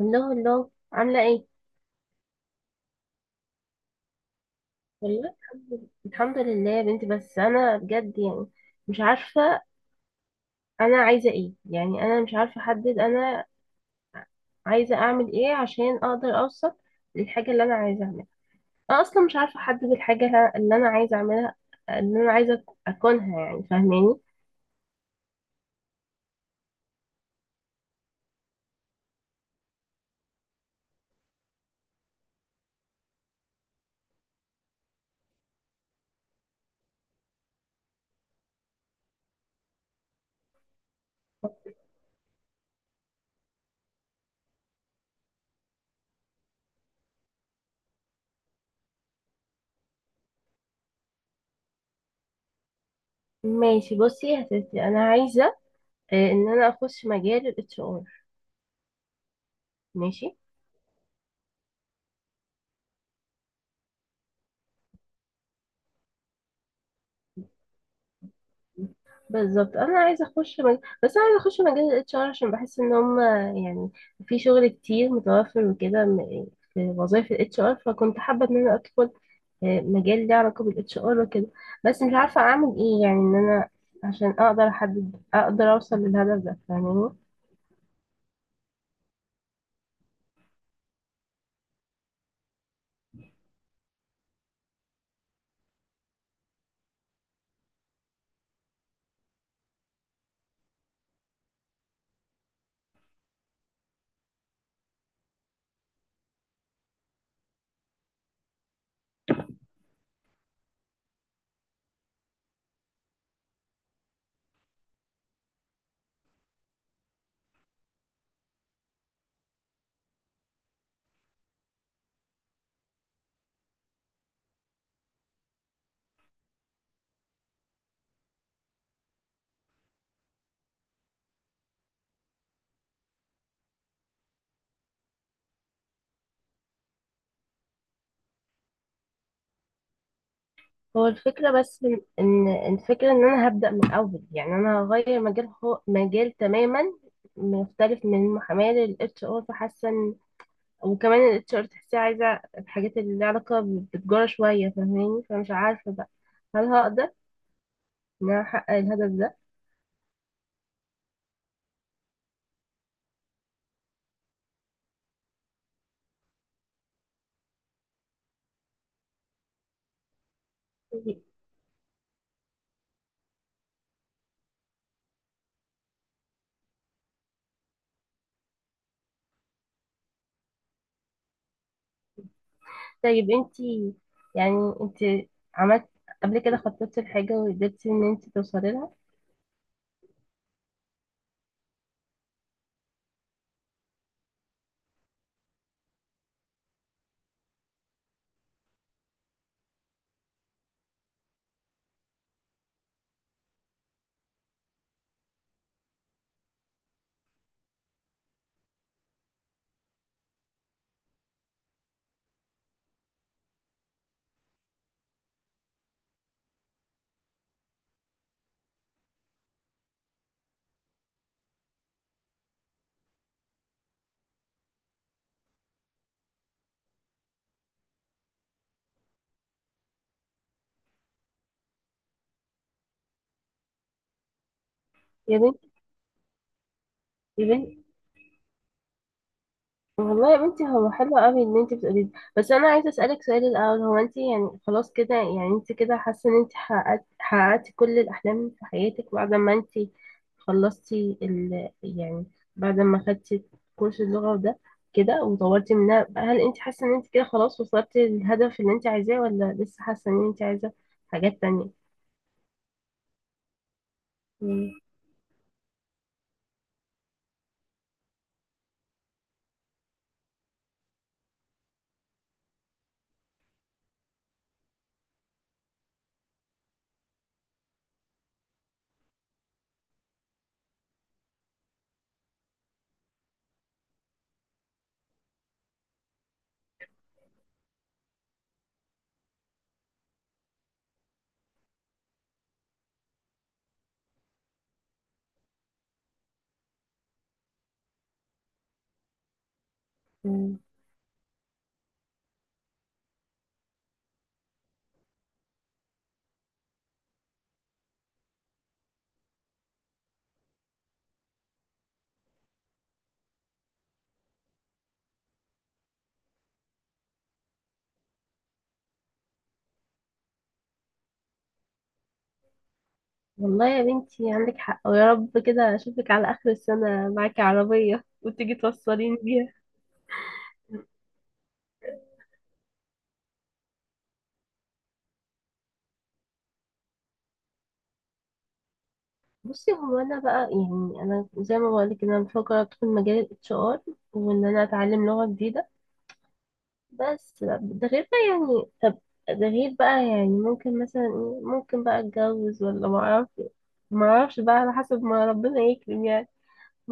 الله الله عاملة ايه؟ والله الحمد لله يا بنتي، بس انا بجد، يعني مش عارفة. انا عايزة ايه يعني؟ انا مش عارفة احدد، انا عايزة اعمل ايه عشان اقدر اوصل للحاجة اللي انا عايزة اعملها. انا اصلا مش عارفة احدد الحاجة اللي انا عايزة اعملها، اللي انا عايزة اكونها، يعني فاهماني؟ ماشي، بصي يا ستي، انا عايزة، ان انا اخش مجال الاتش ار. ماشي. بالظبط، انا عايزه بس انا عايزه اخش مجال الاتش ار، عشان بحس ان هم يعني في شغل كتير متوفر وكده، في وظايف الاتش ار، فكنت حابه ان انا ادخل مجال ليه علاقه بالاتش ار وكده. بس مش عارفه اعمل ايه، يعني ان انا عشان اقدر احدد، اقدر اوصل للهدف ده، فاهماني؟ هو الفكره بس، ان الفكره ان انا هبدا من الاول، يعني انا هغير مجال، هو مجال تماما مختلف من المحاماه للاتش ار، فحاسه. وكمان الاتش ار تحسيه عايزة الحاجات اللي لها علاقة بالتجارة شوية، فاهماني؟ فمش عارفة بقى، هل هقدر ان انا احقق الهدف ده. طيب انتي، يعني انتي عملت قبل كده، خططتي لحاجة وقدرتي ان انتي توصلي لها؟ يا بنتي، يا بنتي، والله يا بنتي هو حلو قوي ان انت بتقولي ده، بس انا عايزه اسالك سؤال الاول. هو انت، يعني خلاص كده، يعني انت كده حاسه ان انت حققتي كل الاحلام في حياتك، بعد ما انت خلصتي يعني بعد ما خدتي كورس اللغه ده كده وطورتي منها، هل انت حاسه ان انت كده خلاص وصلتي للهدف اللي انت عايزاه، ولا لسه حاسه ان انت عايزه حاجات تانية؟ مم. مم. والله يا بنتي عندك حق، ويا رب كده اشوفك على اخر السنه معاكي عربيه وتيجي توصليني بيها. بصي، هو انا بقى، يعني انا زي ما بقولك ان انا بفكر ادخل مجال الاتش ار، وان انا اتعلم لغه جديده. بس ده غير بقى، يعني طب، ده غير بقى يعني ممكن مثلا ممكن بقى اتجوز ولا ما اعرف، ما اعرفش بقى، على حسب ما ربنا يكرم يعني.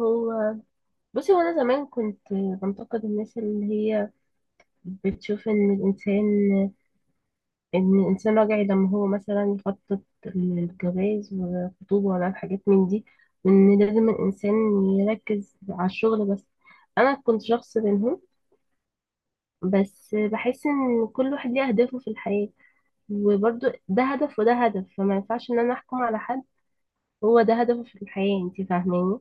هو، بصي، هو انا زمان كنت بنتقد الناس اللي هي بتشوف ان الانسان، راجعي لما هو مثلا يخطط للجواز والخطوبه، ولا الحاجات من دي، وان لازم الانسان يركز على الشغل بس. انا كنت شخص منهم، بس بحس ان كل واحد ليه اهدافه في الحياه، وبرضه ده هدف وده هدف، فما ينفعش ان انا احكم على حد هو ده هدفه في الحياه، انت فاهماني؟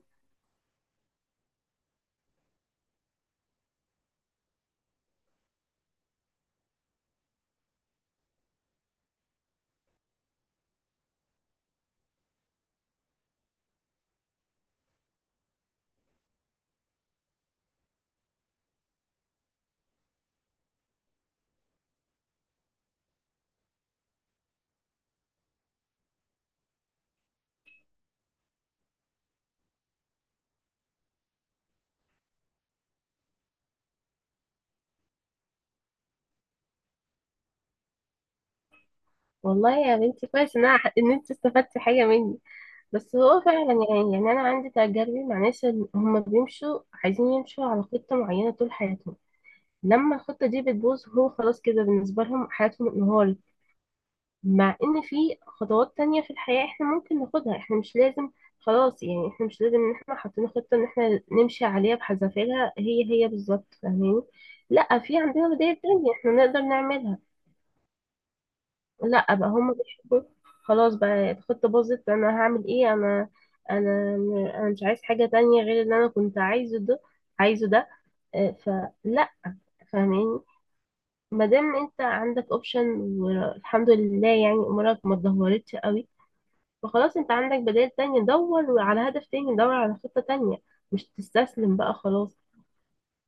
والله يا بنتي كويس ان انت استفدتي حاجه مني. بس هو فعلا، يعني يعني انا عندي تجاربي مع ناس، هم بيمشوا، عايزين يمشوا على خطه معينه طول حياتهم، لما الخطة دي بتبوظ هو خلاص كده بالنسبة لهم حياتهم انهار. مع ان في خطوات تانية في الحياة احنا ممكن ناخدها، احنا مش لازم خلاص، يعني احنا مش لازم ان احنا حاطين خطة ان احنا نمشي عليها بحذافيرها هي هي بالظبط، فاهمين؟ لا، في عندنا بداية تانية احنا نقدر نعملها. لا بقى، هم بيحبوا خلاص بقى الخطة باظت انا هعمل ايه، انا انا مش عايز حاجة تانية غير اللي انا كنت عايزه ده، عايزه ده. اه، فلا، فاهمين؟ ما دام انت عندك اوبشن، والحمد لله يعني امورك ما اتدهورتش قوي، فخلاص انت عندك بدائل تانية، دور على هدف تاني، دور على خطة تانية، مش تستسلم بقى خلاص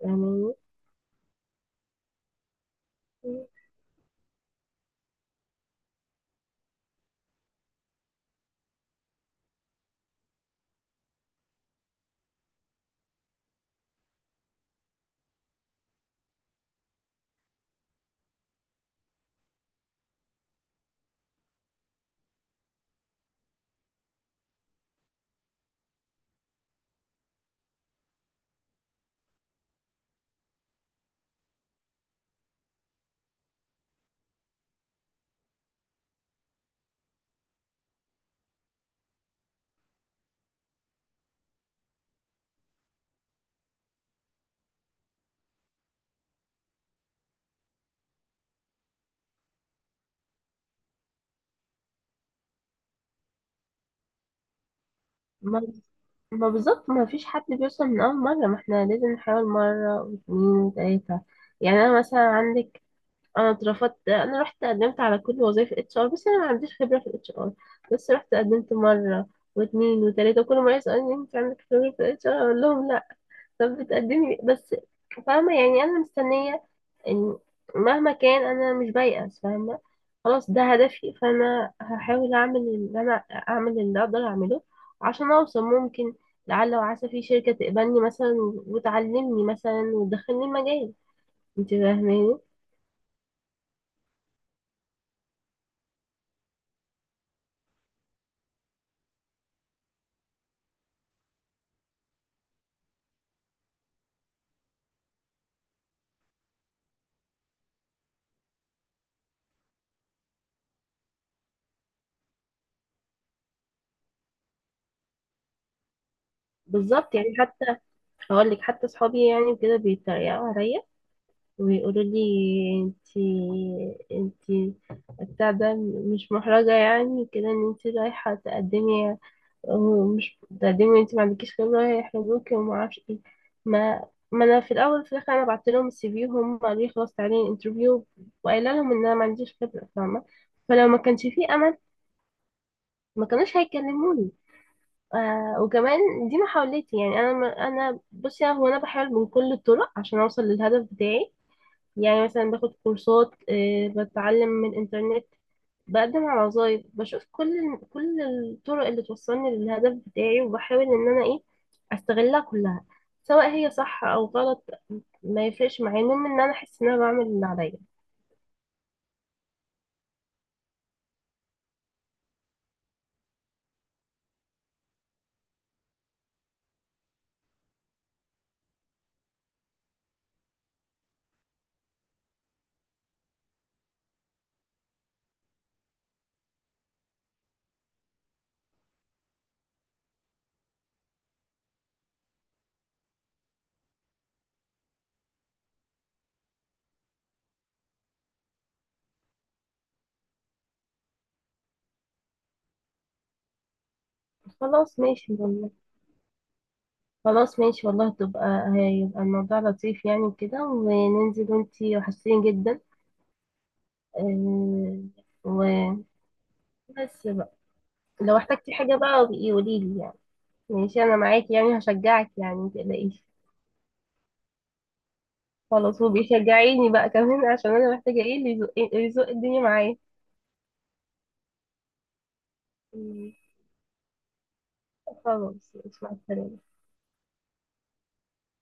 يعني. ما ما بالظبط، ما فيش حد بيوصل من أول مرة، ما احنا لازم نحاول مرة واتنين وتلاتة. يعني أنا مثلا عندك، أنا اترفضت، أنا رحت قدمت على كل وظائف اتش ار، بس أنا ما عنديش خبرة في الاتش ار. بس رحت قدمت مرة واتنين وتلاتة، وكل مرة يسألني أنت عندك خبرة في الاتش ار، أقول لهم لا. طب بتقدمي بس؟ فاهمة؟ يعني أنا مستنية إن، مهما كان، أنا مش بيأس، فاهمة؟ خلاص ده هدفي، فأنا هحاول أعمل اللي أنا، أعمل اللي أقدر أعمله، عشان أوصل. ممكن لعل وعسى في شركة تقبلني مثلا وتعلمني مثلا وتدخلني المجال، انت فاهماني؟ بالظبط. يعني حتى، هقول لك حتى صحابي يعني كده بيتريقوا عليا ويقولوا لي: انتي انتي بتاع ده، مش محرجة يعني كده ان انتي رايحة تقدمي، ومش تقدمي وانتي ما عندكيش خبرة، هيحرجوكي وما اعرفش ايه. ما ما انا في الاول في الاخر انا بعت لهم السي في، وهم قالوا لي خلاص تعالي انترفيو، وقايله لهم ان انا ما عنديش خبرة، فاهمة؟ فلو ما كانش في امل ما كانوش هيكلموني. وكمان دي محاولتي، يعني انا بصي، هو انا بحاول من كل الطرق عشان اوصل للهدف بتاعي. يعني مثلا باخد كورسات، بتعلم من الإنترنت، بقدم على وظايف، بشوف كل الطرق اللي توصلني للهدف بتاعي، وبحاول إن أنا أستغلها كلها، سواء هي صح أو غلط، ما يفرقش معايا، المهم إن أنا أحس إن أنا بعمل اللي عليا. خلاص، ماشي والله. خلاص ماشي والله، تبقى هيبقى الموضوع لطيف يعني وكده، وننزل، وانتي وحشتيني جدا، آه، وبس بقى. لو احتجتي حاجة بقى، قوليلي يعني، ماشي، انا معاكي يعني، هشجعك يعني، متقلقيش. خلاص، وبيشجعيني بقى كمان، عشان انا محتاجه ايه اللي يزق، اللي يزق الدنيا معايا. مم. خلاص ماشي، مع السلامه.